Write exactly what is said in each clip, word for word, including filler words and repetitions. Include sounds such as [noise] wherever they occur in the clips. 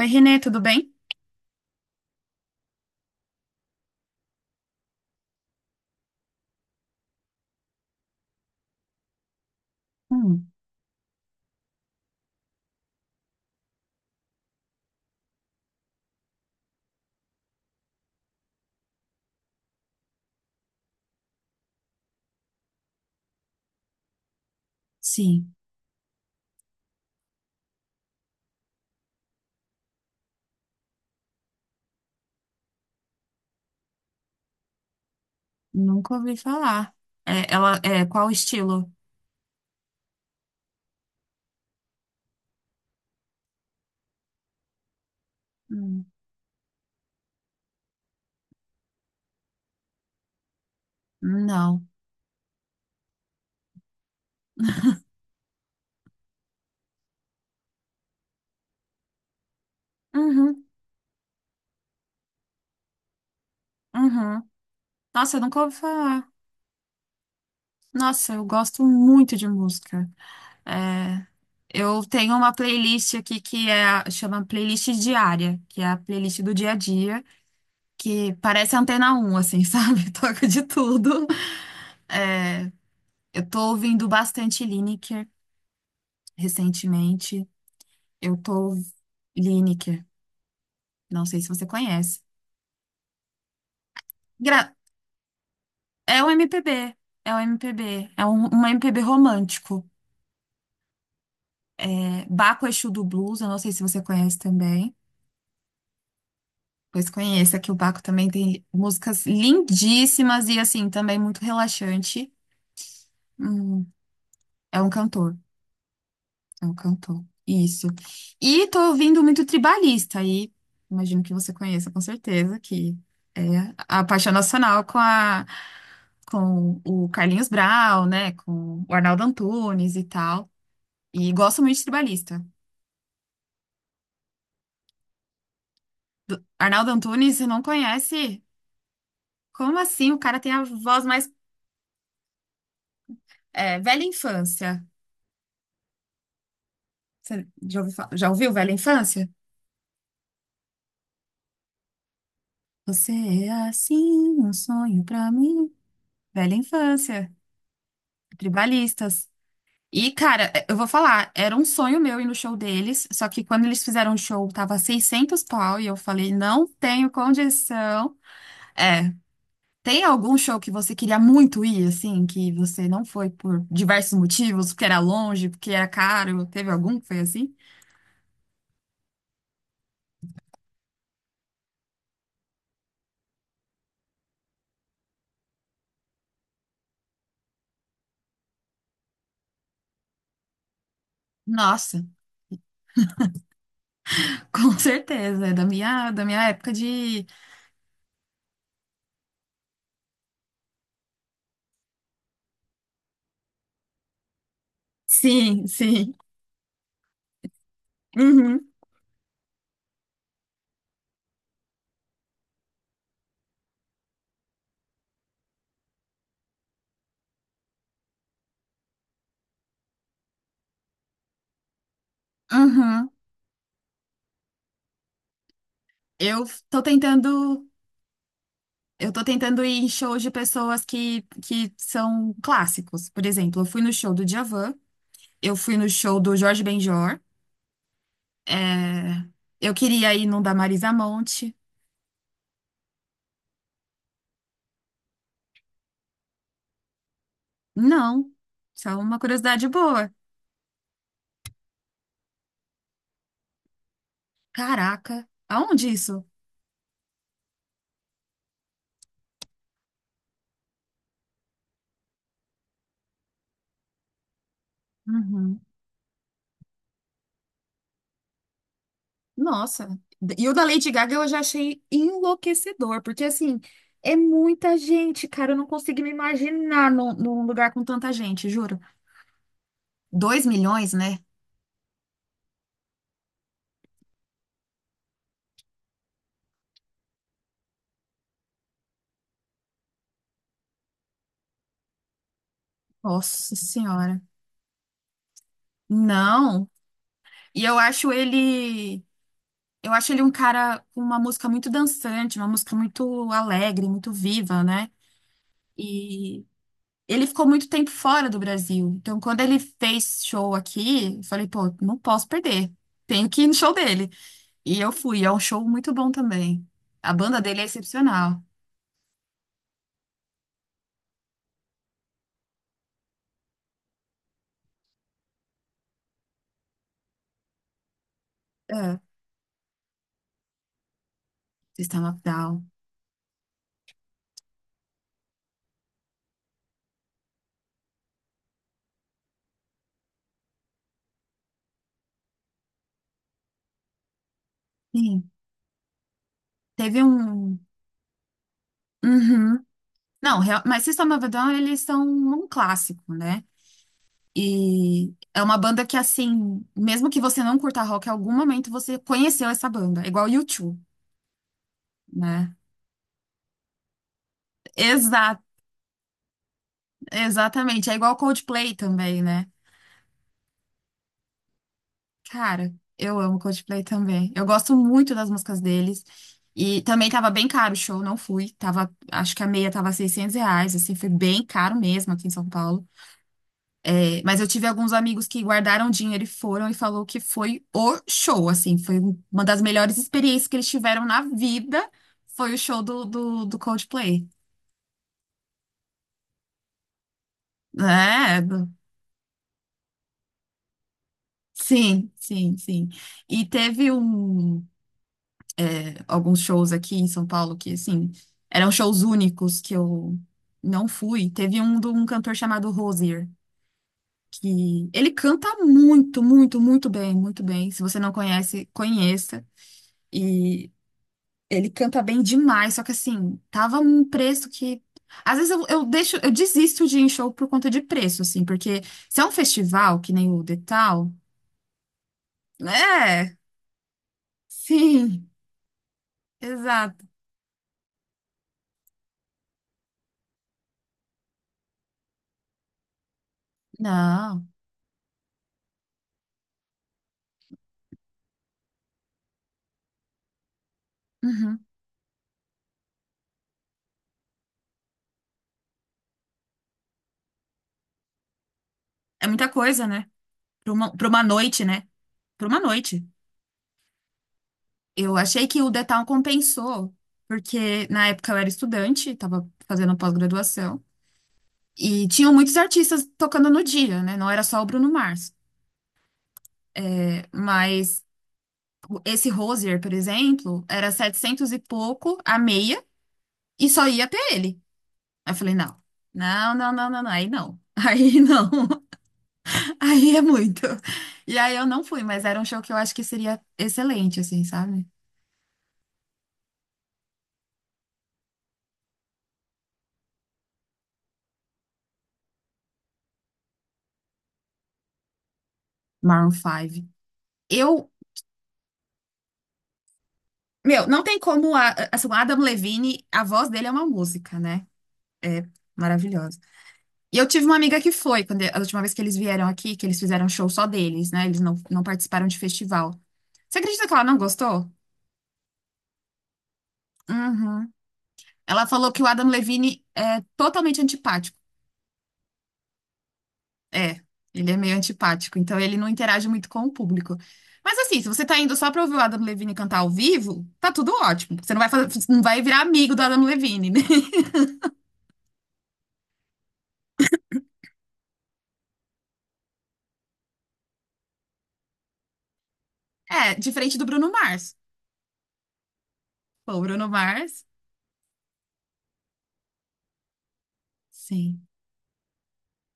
Oi, Renê, tudo bem? Hum, sim, nunca ouvi falar. É, ela, é, qual o estilo? Hum. Não. Uhum, uhum. Nossa, eu nunca ouvi falar. Nossa, eu gosto muito de música. É, eu tenho uma playlist aqui que é, a- chama playlist diária, que é a playlist do dia a dia, que parece Antena um, assim, [laughs] sabe? Toca de tudo. É, eu tô ouvindo bastante Lineker recentemente. Eu tô Lineker, não sei se você conhece. Gra- É um M P B, é um M P B, é um, um M P B romântico. É Baco Exu do Blues, eu não sei se você conhece também. Pois conheça, que o Baco também tem músicas lindíssimas e assim, também muito relaxante. Hum, é um cantor, é um cantor. Isso. E tô ouvindo muito tribalista aí. Imagino que você conheça com certeza, que é a paixão nacional com a com o Carlinhos Brau, né? Com o Arnaldo Antunes e tal. E gosto muito de tribalista. Arnaldo Antunes, você não conhece? Como assim? O cara tem a voz mais é, velha infância. Você já ouviu, fa- já ouviu Velha Infância? Você é assim, um sonho pra mim. Velha Infância, tribalistas. E, cara, é, eu vou falar, era um sonho meu ir no show deles, só que quando eles fizeram o show, tava seiscentos pau, e eu falei, não tenho condição. É, tem algum show que você queria muito ir, assim, que você não foi por diversos motivos, porque era longe, porque era caro? Teve algum que foi assim? Nossa, [laughs] com certeza, é da minha, da minha época de. Sim, sim. Uhum, uhum. Eu tô tentando, eu tô tentando ir em shows de pessoas que, que são clássicos. Por exemplo, eu fui no show do Djavan, eu fui no show do Jorge Benjor, é, eu queria ir num da Marisa Monte. Não, só uma curiosidade boa. Caraca, aonde isso? Uhum. Nossa, e o da Lady Gaga eu já achei enlouquecedor, porque assim, é muita gente, cara, eu não consigo me imaginar num, num lugar com tanta gente, juro. Dois milhões, né? Nossa Senhora. Não, e eu acho ele, eu acho ele um cara com uma música muito dançante, uma música muito alegre, muito viva, né? Ele ficou muito tempo fora do Brasil. Então, quando ele fez show aqui, eu falei, pô, não posso perder. Tenho que ir no show dele. E eu fui. É um show muito bom também. A banda dele é excepcional. É. System of Down. Sim. Teve um. Uhum. Não, real- mas System of a Down, eles são um clássico, né? E é uma banda que, assim, mesmo que você não curta rock, em algum momento você conheceu essa banda. É igual U dois, né? Exato, exatamente. É igual Coldplay também, né? Cara, eu amo Coldplay também. Eu gosto muito das músicas deles. E também tava bem caro o show, não fui. Tava, acho que a meia tava seiscentos reais, assim, foi bem caro mesmo aqui em São Paulo. É, mas eu tive alguns amigos que guardaram dinheiro e foram e falou que foi o show, assim, foi uma das melhores experiências que eles tiveram na vida, foi o show do, do, do Coldplay. É, do- sim, sim, sim. E teve um. Alguns shows aqui em São Paulo que, assim, eram shows únicos que eu não fui. Teve um de um cantor chamado Rosier, que ele canta muito, muito, muito bem, muito bem. Se você não conhece, conheça. E ele canta bem demais, só que assim, tava um preço que às vezes eu, eu deixo, eu desisto de ir em show por conta de preço, assim, porque se é um festival, que nem o The Tal, é, sim, [laughs] exato. Não. Uhum. É muita coisa, né? para uma, para uma noite, né? Para uma noite. Eu achei que o The Town compensou, porque na época eu era estudante, estava fazendo pós-graduação, e tinham muitos artistas tocando no dia, né? Não era só o Bruno Mars. É, mas o- esse Rosier, por exemplo, era setecentos e pouco a meia, e só ia até ele. Aí eu falei, não, não, não, não, não, não, aí não. [laughs] Aí não, [laughs] aí é muito. E aí eu não fui, mas era um show que eu acho que seria excelente, assim, sabe? Maroon cinco. Eu Meu, não tem como. A, assim, o Adam Levine, a voz dele é uma música, né? É maravilhosa. E eu tive uma amiga que foi, quando, a última vez que eles vieram aqui, que eles fizeram show só deles, né? Eles não, não participaram de festival. Você acredita que ela não gostou? Uhum. Ela falou que o Adam Levine é totalmente antipático. É, ele é meio antipático, então ele não interage muito com o público. Mas assim, se você tá indo só pra ouvir o Adam Levine cantar ao vivo, tá tudo ótimo. Você não vai fazer, não vai virar amigo do Adam Levine, né? [laughs] É, diferente do Bruno Mars. Pô, o Bruno Mars. Sim,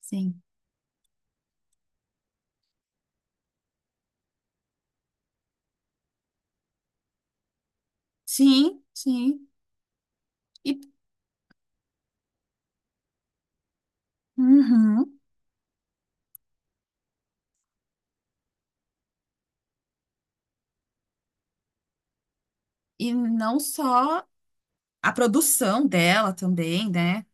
sim. Sim, sim. E, uhum. E não só a produção dela também, né?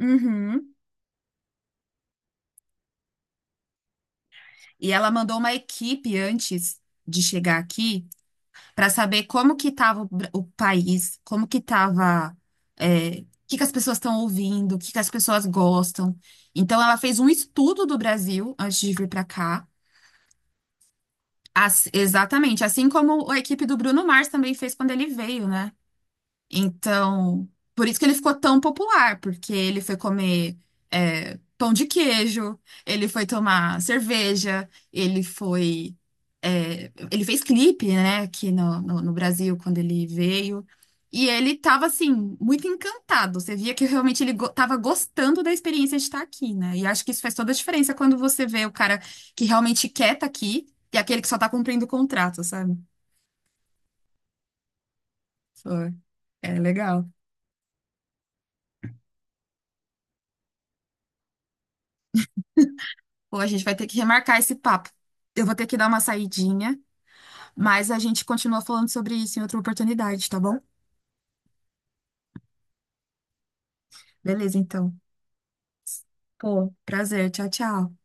Uhum. E ela mandou uma equipe antes de chegar aqui para saber como que estava o, Bra- o país, como que estava, o que que as pessoas estão ouvindo, o que que as pessoas gostam. Então ela fez um estudo do Brasil antes de vir para cá. As- exatamente, assim como a equipe do Bruno Mars também fez quando ele veio, né? Então, por isso que ele ficou tão popular, porque ele foi comer é, pão de queijo, ele foi tomar cerveja, ele foi. É, ele fez clipe, né, aqui no, no, no Brasil, quando ele veio. E ele tava, assim, muito encantado. Você via que realmente ele go tava gostando da experiência de estar aqui, né? E acho que isso faz toda a diferença quando você vê o cara que realmente quer estar aqui e aquele que só tá cumprindo o contrato, sabe? Foi é legal. Pô, a gente vai ter que remarcar esse papo. Eu vou ter que dar uma saidinha, mas a gente continua falando sobre isso em outra oportunidade, tá bom? Beleza, então. Pô, prazer. Tchau, tchau.